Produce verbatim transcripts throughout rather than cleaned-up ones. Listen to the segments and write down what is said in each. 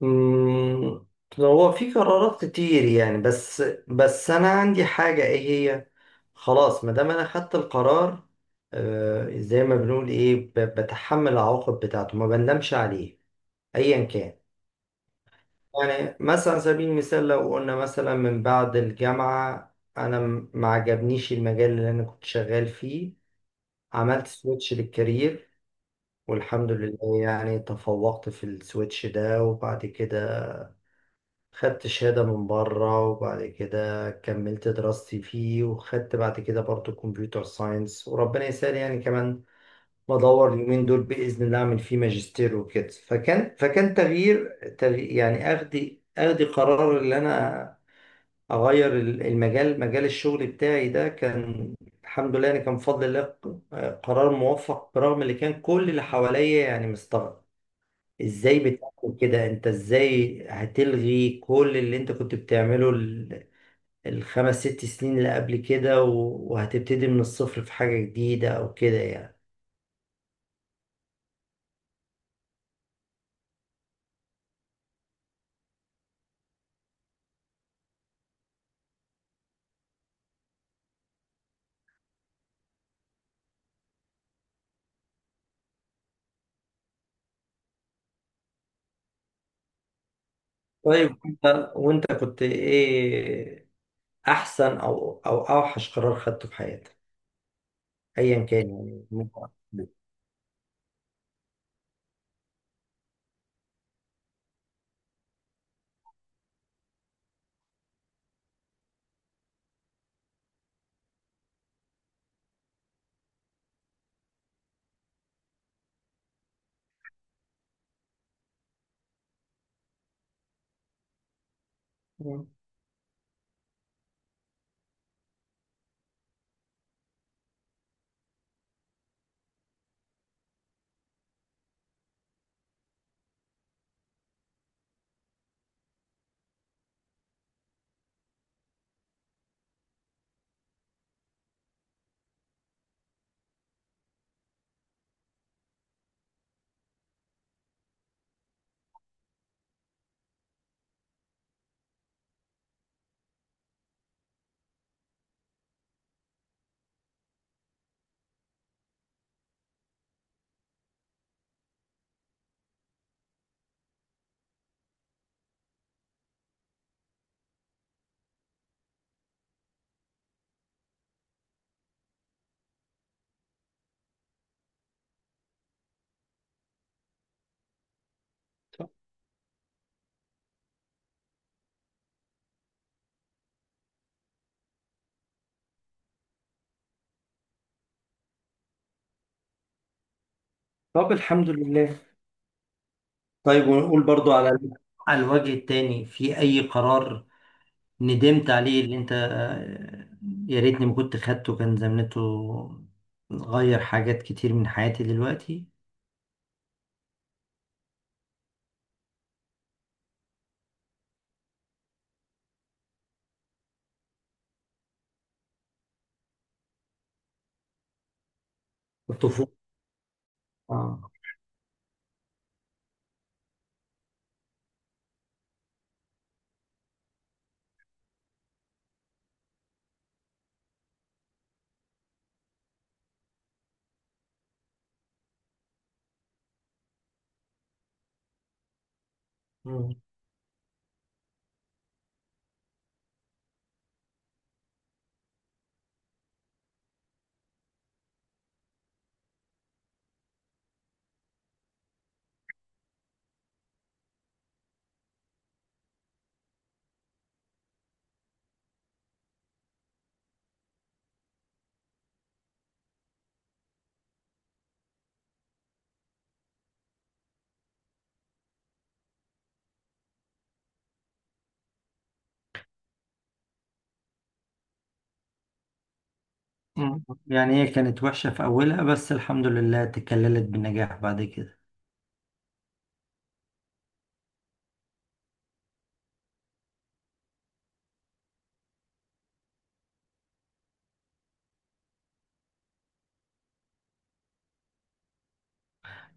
مم، هو في قرارات كتير يعني بس بس انا عندي حاجة ايه هي خلاص ما دام انا خدت القرار، آه، زي ما بنقول ايه ب- بتحمل العواقب بتاعته ما بندمش عليه ايا كان. يعني مثلا على سبيل المثال لو قلنا مثلا من بعد الجامعة انا م- ما عجبنيش المجال اللي انا كنت شغال فيه، عملت سويتش للكارير والحمد لله يعني تفوقت في السويتش ده. وبعد كده خدت شهادة من بره وبعد كده كملت دراستي فيه وخدت بعد كده برضو كمبيوتر ساينس، وربنا يسهل يعني كمان بدور اليومين دول بإذن الله أعمل فيه ماجستير وكده. فكان فكان تغيير, تغيير يعني أخدي أخدي قرار إن أنا أغير ال- المجال، مجال الشغل بتاعي ده، كان الحمد لله يعني كان بفضل الله ق- قرار موفق برغم اللي كان كل اللي حواليا يعني مستغرب. ازاي بتعمل كده؟ انت ازاي هتلغي كل اللي انت كنت بتعمله ال- الخمس ست سنين اللي قبل كده و- وهتبتدي من الصفر في حاجة جديدة او كده يعني؟ طيب انت وانت كنت ايه احسن او او اوحش قرار خدته في حياتك ايا كان يعني ممكن أقول. مم. طب الحمد لله. طيب ونقول برضو على على الوجه التاني في اي قرار ندمت عليه اللي انت آه، يا ريتني ما كنت خدته كان زمانته غير حاجات كتير من حياتي دلوقتي. الطفولة. اه. مم. مم. يعني هي كانت وحشة في أولها بس الحمد لله تكللت بالنجاح بعد كده.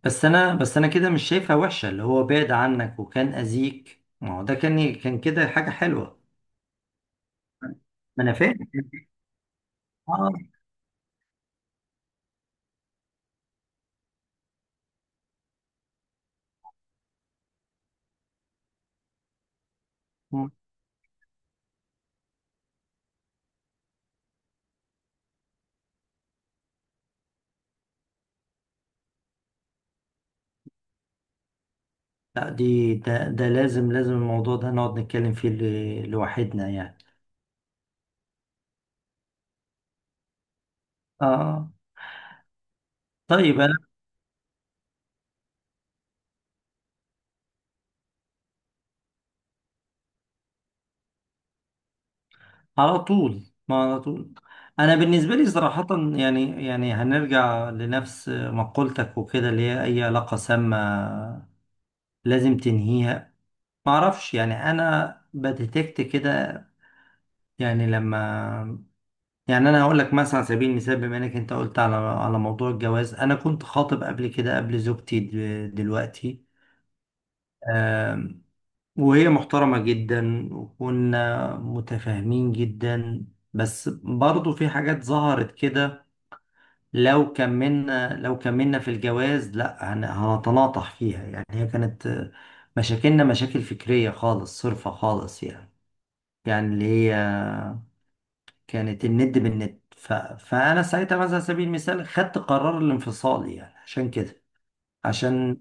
بس أنا بس أنا كده مش شايفها وحشة، اللي هو بعد عنك وكان أذيك، ما هو ده كان كان كده حاجة حلوة. ما أنا فاهم. آه. مم. لا، دي ده, ده لازم لازم الموضوع ده نقعد نتكلم فيه ل- لوحدنا يعني. آه. طيب. على طول، ما على طول. انا بالنسبه لي صراحه، يعني يعني هنرجع لنفس مقولتك وكده، اللي هي اي علاقه سامه لازم تنهيها. ما اعرفش يعني انا بديتكت كده يعني لما، يعني انا هقول لك مثلا على سبيل المثال بما انك انت قلت على على موضوع الجواز انا كنت خاطب قبل كده قبل زوجتي د- دلوقتي. آم، وهي محترمه جدا وكنا متفاهمين جدا، بس برضو في حاجات ظهرت كده لو كملنا لو كملنا في الجواز لا هن- هنتناطح فيها، يعني هي كانت آه، مشاكلنا مشاكل فكرية خالص صرفة خالص يعني، يعني اللي هي كانت الند بالند. ف... فأنا ساعتها مثلا على سبيل المثال خدت قرار الانفصال يعني عشان كده. عشان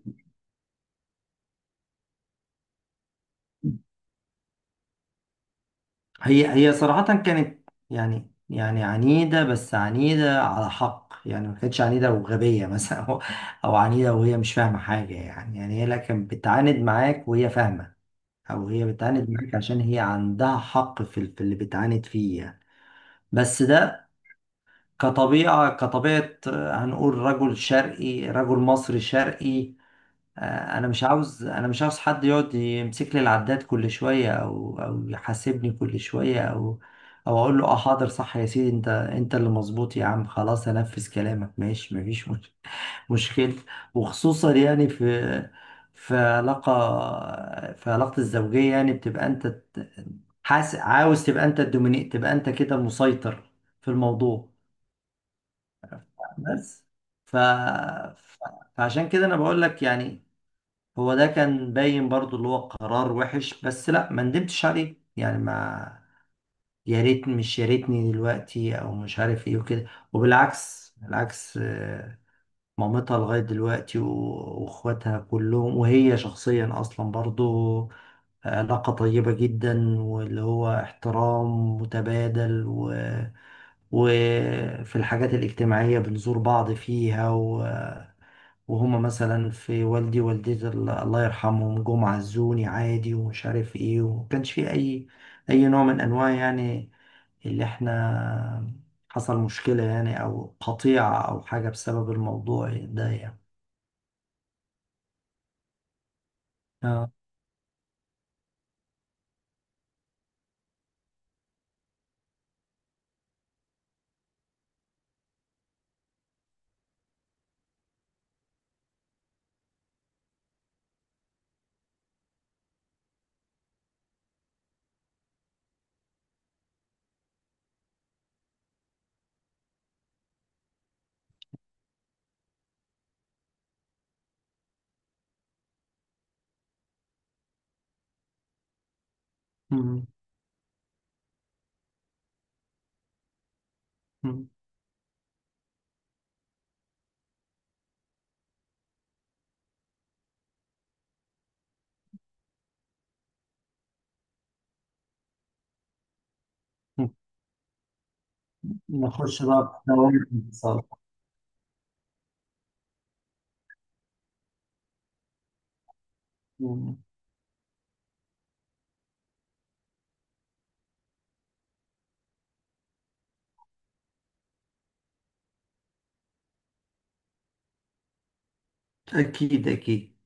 هي هي صراحة كانت يعني يعني عنيدة، بس عنيدة على حق يعني ما كانتش عنيدة وغبية مثلا أو أو عنيدة وهي مش فاهمة حاجة، يعني يعني هي لا كانت بتعاند معاك وهي فاهمة او هي بتعاند معاك عشان هي عندها حق في ال- في اللي بتعاند فيه يعني. بس ده كطبيعة كطبيعة آه، هنقول رجل شرقي، رجل مصري شرقي. آه، انا مش عاوز انا مش عاوز حد يقعد يمسك لي العداد كل شوية او او يحاسبني كل شوية او او اقول له اه حاضر صح يا سيدي، انت انت اللي مظبوط يا عم، خلاص هنفذ كلامك ماشي مفيش مشكلة مشكلة وخصوصا يعني في في علاقة في علاقة الزوجية، يعني بتبقى انت ت- حاس عاوز تبقى انت الدوميني، تبقى انت كده مسيطر في الموضوع بس. ف... ف... فعشان كده انا بقول لك يعني هو ده كان باين برضو اللي هو قرار وحش بس لا ما ندمتش عليه يعني ما، يا ريت مش يا ريتني دلوقتي او مش عارف ايه وكده. وبالعكس، بالعكس مامتها لغاية دلوقتي و- واخواتها كلهم وهي شخصيا اصلا برضو علاقة طيبة جدا، واللي هو احترام متبادل و... وفي الحاجات الاجتماعية بنزور بعض فيها و... وهما مثلا في والدي ووالدتي ال- الله يرحمهم جم عزوني عادي ومش عارف ايه، وما كانش في اي اي نوع من انواع يعني اللي احنا حصل مشكلة يعني او قطيعة او حاجة بسبب الموضوع ده يعني. اه. مم. مم. نخش بقى في دوامة الانفصال. مم. اكيد اكيد.